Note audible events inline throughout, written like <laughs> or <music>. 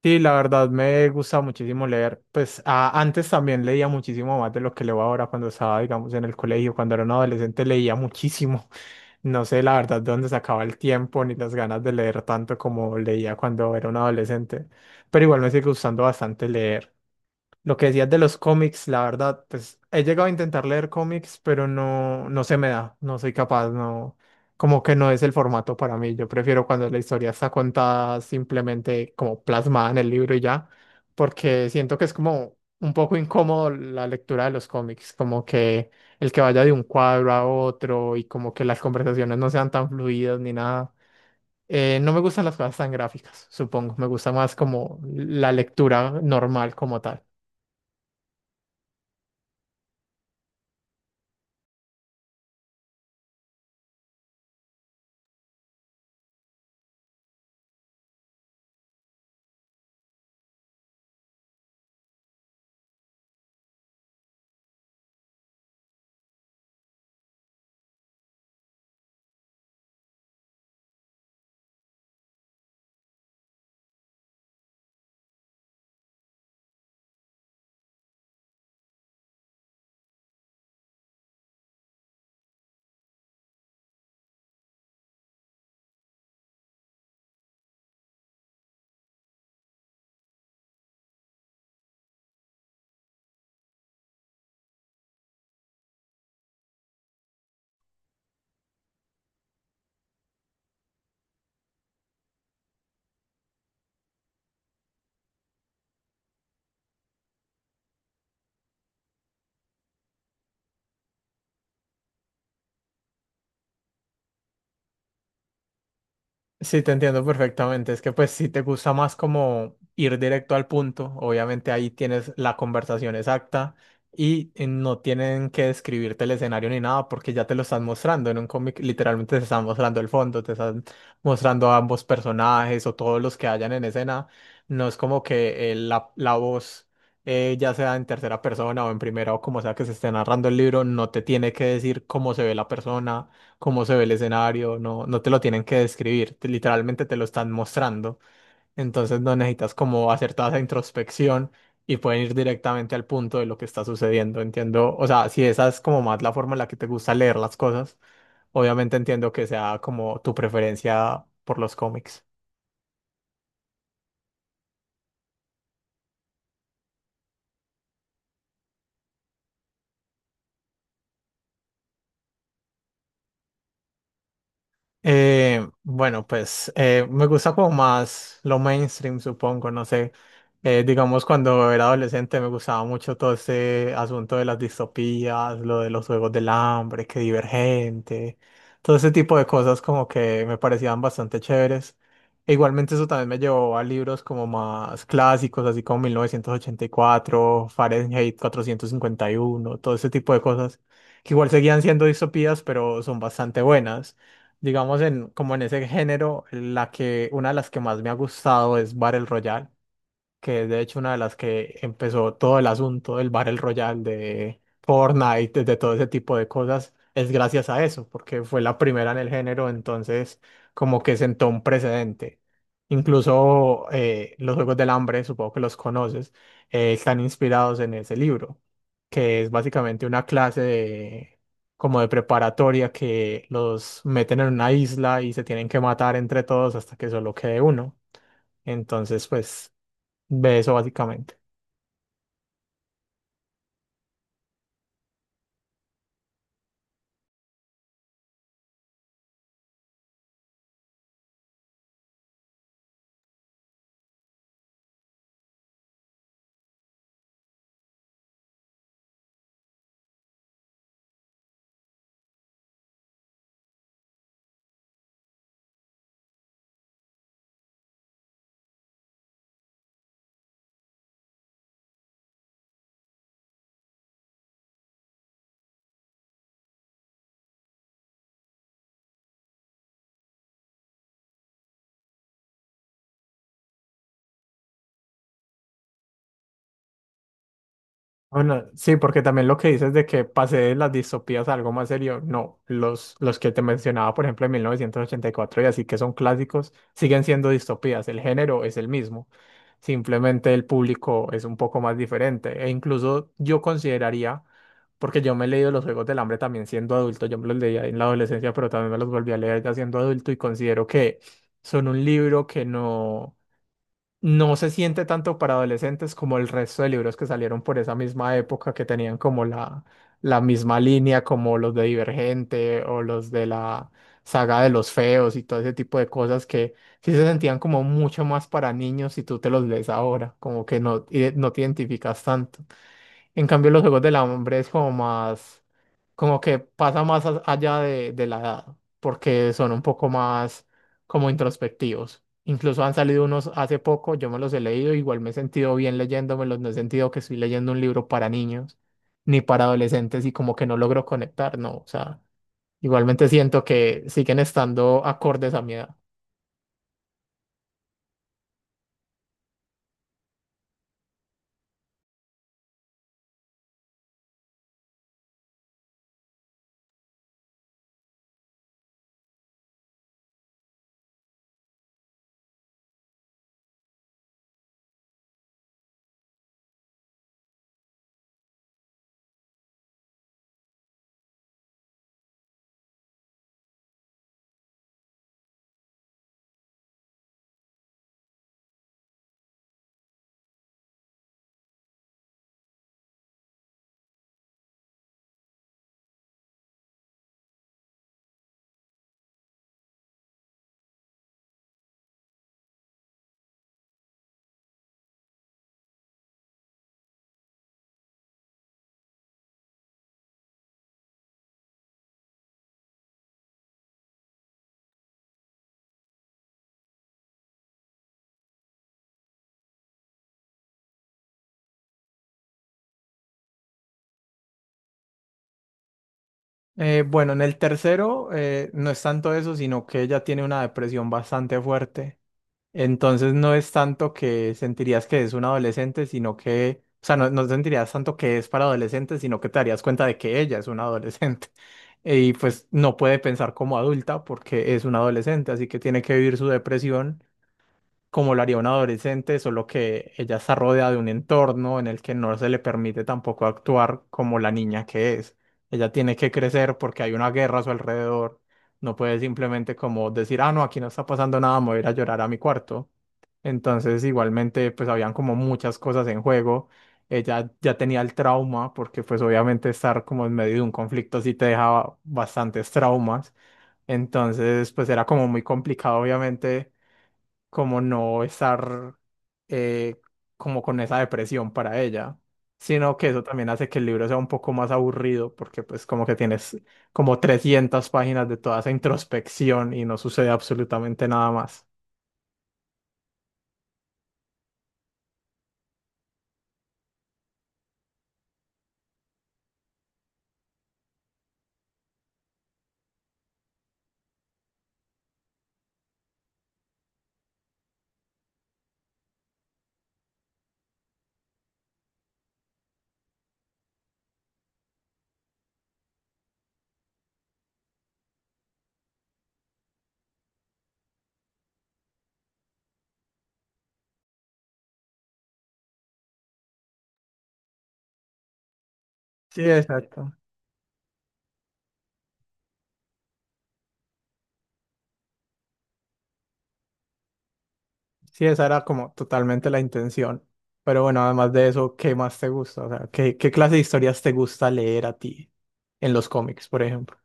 Sí, la verdad me gusta muchísimo leer. Pues antes también leía muchísimo más de lo que leo ahora cuando estaba, digamos, en el colegio. Cuando era un adolescente leía muchísimo. <laughs> No sé la verdad de dónde sacaba el tiempo ni las ganas de leer tanto como leía cuando era un adolescente. Pero igual me sigue gustando bastante leer. Lo que decías de los cómics, la verdad, pues he llegado a intentar leer cómics, pero no, no se me da, no soy capaz, no, como que no es el formato para mí. Yo prefiero cuando la historia está contada simplemente como plasmada en el libro y ya, porque siento que es como un poco incómodo la lectura de los cómics, como que el que vaya de un cuadro a otro y como que las conversaciones no sean tan fluidas ni nada. No me gustan las cosas tan gráficas, supongo, me gusta más como la lectura normal como tal. Sí, te entiendo perfectamente. Es que pues si te gusta más como ir directo al punto, obviamente ahí tienes la conversación exacta y no tienen que describirte el escenario ni nada porque ya te lo están mostrando. En un cómic literalmente te están mostrando el fondo, te están mostrando a ambos personajes o todos los que hayan en escena. No es como que la voz, ya sea en tercera persona o en primera o como sea que se esté narrando el libro, no te tiene que decir cómo se ve la persona cómo se ve el escenario, no, no te lo tienen que describir, literalmente te lo están mostrando, entonces no necesitas como hacer toda esa introspección y pueden ir directamente al punto de lo que está sucediendo, entiendo, o sea, si esa es como más la forma en la que te gusta leer las cosas, obviamente entiendo que sea como tu preferencia por los cómics. Bueno, pues me gusta como más lo mainstream, supongo, no sé. Digamos, cuando era adolescente me gustaba mucho todo ese asunto de las distopías, lo de los Juegos del Hambre, que Divergente, todo ese tipo de cosas como que me parecían bastante chéveres. E igualmente eso también me llevó a libros como más clásicos, así como 1984, Fahrenheit 451, todo ese tipo de cosas, que igual seguían siendo distopías, pero son bastante buenas. Digamos, en, como en ese género, la que, una de las que más me ha gustado es Battle Royale, que es de hecho una de las que empezó todo el asunto del Battle Royale, de Fortnite, de todo ese tipo de cosas, es gracias a eso, porque fue la primera en el género, entonces como que sentó un precedente. Incluso los Juegos del Hambre, supongo que los conoces, están inspirados en ese libro, que es básicamente una clase de, como de preparatoria, que los meten en una isla y se tienen que matar entre todos hasta que solo quede uno. Entonces, pues... ve eso básicamente. Bueno, sí, porque también lo que dices de que pasé de las distopías a algo más serio, no, los que te mencionaba, por ejemplo, en 1984 y así, que son clásicos, siguen siendo distopías, el género es el mismo, simplemente el público es un poco más diferente e incluso yo consideraría, porque yo me he leído los Juegos del Hambre también siendo adulto, yo me los leía en la adolescencia, pero también me los volví a leer ya siendo adulto y considero que son un libro que no... no se siente tanto para adolescentes como el resto de libros que salieron por esa misma época que tenían como la misma línea, como los de Divergente o los de la saga de los feos y todo ese tipo de cosas que sí se sentían como mucho más para niños si tú te los lees ahora, como que no, no te identificas tanto. En cambio, los Juegos del Hambre es como más, como que pasa más allá de la edad, porque son un poco más como introspectivos. Incluso han salido unos hace poco, yo me los he leído, igual me he sentido bien leyéndomelos, no he sentido que estoy leyendo un libro para niños ni para adolescentes y como que no logro conectar, no, o sea, igualmente siento que siguen estando acordes a mi edad. Bueno, en el tercero no es tanto eso, sino que ella tiene una depresión bastante fuerte. Entonces no es tanto que sentirías que es un adolescente, sino que, o sea, no, no sentirías tanto que es para adolescentes, sino que te darías cuenta de que ella es una adolescente. <laughs> Y pues no puede pensar como adulta porque es una adolescente, así que tiene que vivir su depresión como lo haría un adolescente, solo que ella está rodeada de un entorno en el que no se le permite tampoco actuar como la niña que es. Ella tiene que crecer porque hay una guerra a su alrededor. No puede simplemente como decir, ah, no, aquí no está pasando nada, me voy a ir a llorar a mi cuarto, entonces, igualmente, pues habían como muchas cosas en juego. Ella ya tenía el trauma, porque pues obviamente estar como en medio de un conflicto sí te dejaba bastantes traumas. Entonces, pues era como muy complicado, obviamente, como no estar eh, como con esa depresión para ella. Sino que eso también hace que el libro sea un poco más aburrido, porque pues como que tienes como 300 páginas de toda esa introspección y no sucede absolutamente nada más. Sí, exacto. Sí, esa era como totalmente la intención. Pero bueno, además de eso, ¿qué más te gusta? O sea, ¿qué clase de historias te gusta leer a ti en los cómics, por ejemplo?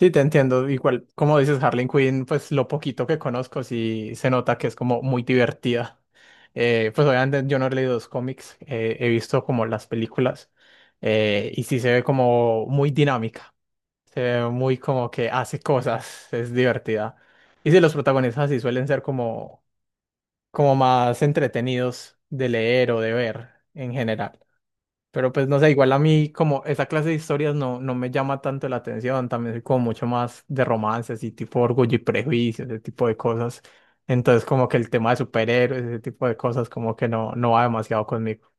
Sí, te entiendo. Igual, como dices, Harley Quinn, pues lo poquito que conozco, sí se nota que es como muy divertida. Pues obviamente yo no he leído los cómics, he visto como las películas y sí se ve como muy dinámica, se ve muy como que hace cosas, es divertida. Y sí, los protagonistas sí suelen ser como más entretenidos de leer o de ver en general. Pero pues no sé, igual a mí como esa clase de historias no, no me llama tanto la atención, también soy como mucho más de romances y tipo Orgullo y Prejuicio, ese tipo de cosas. Entonces como que el tema de superhéroes, ese tipo de cosas como que no, no va demasiado conmigo.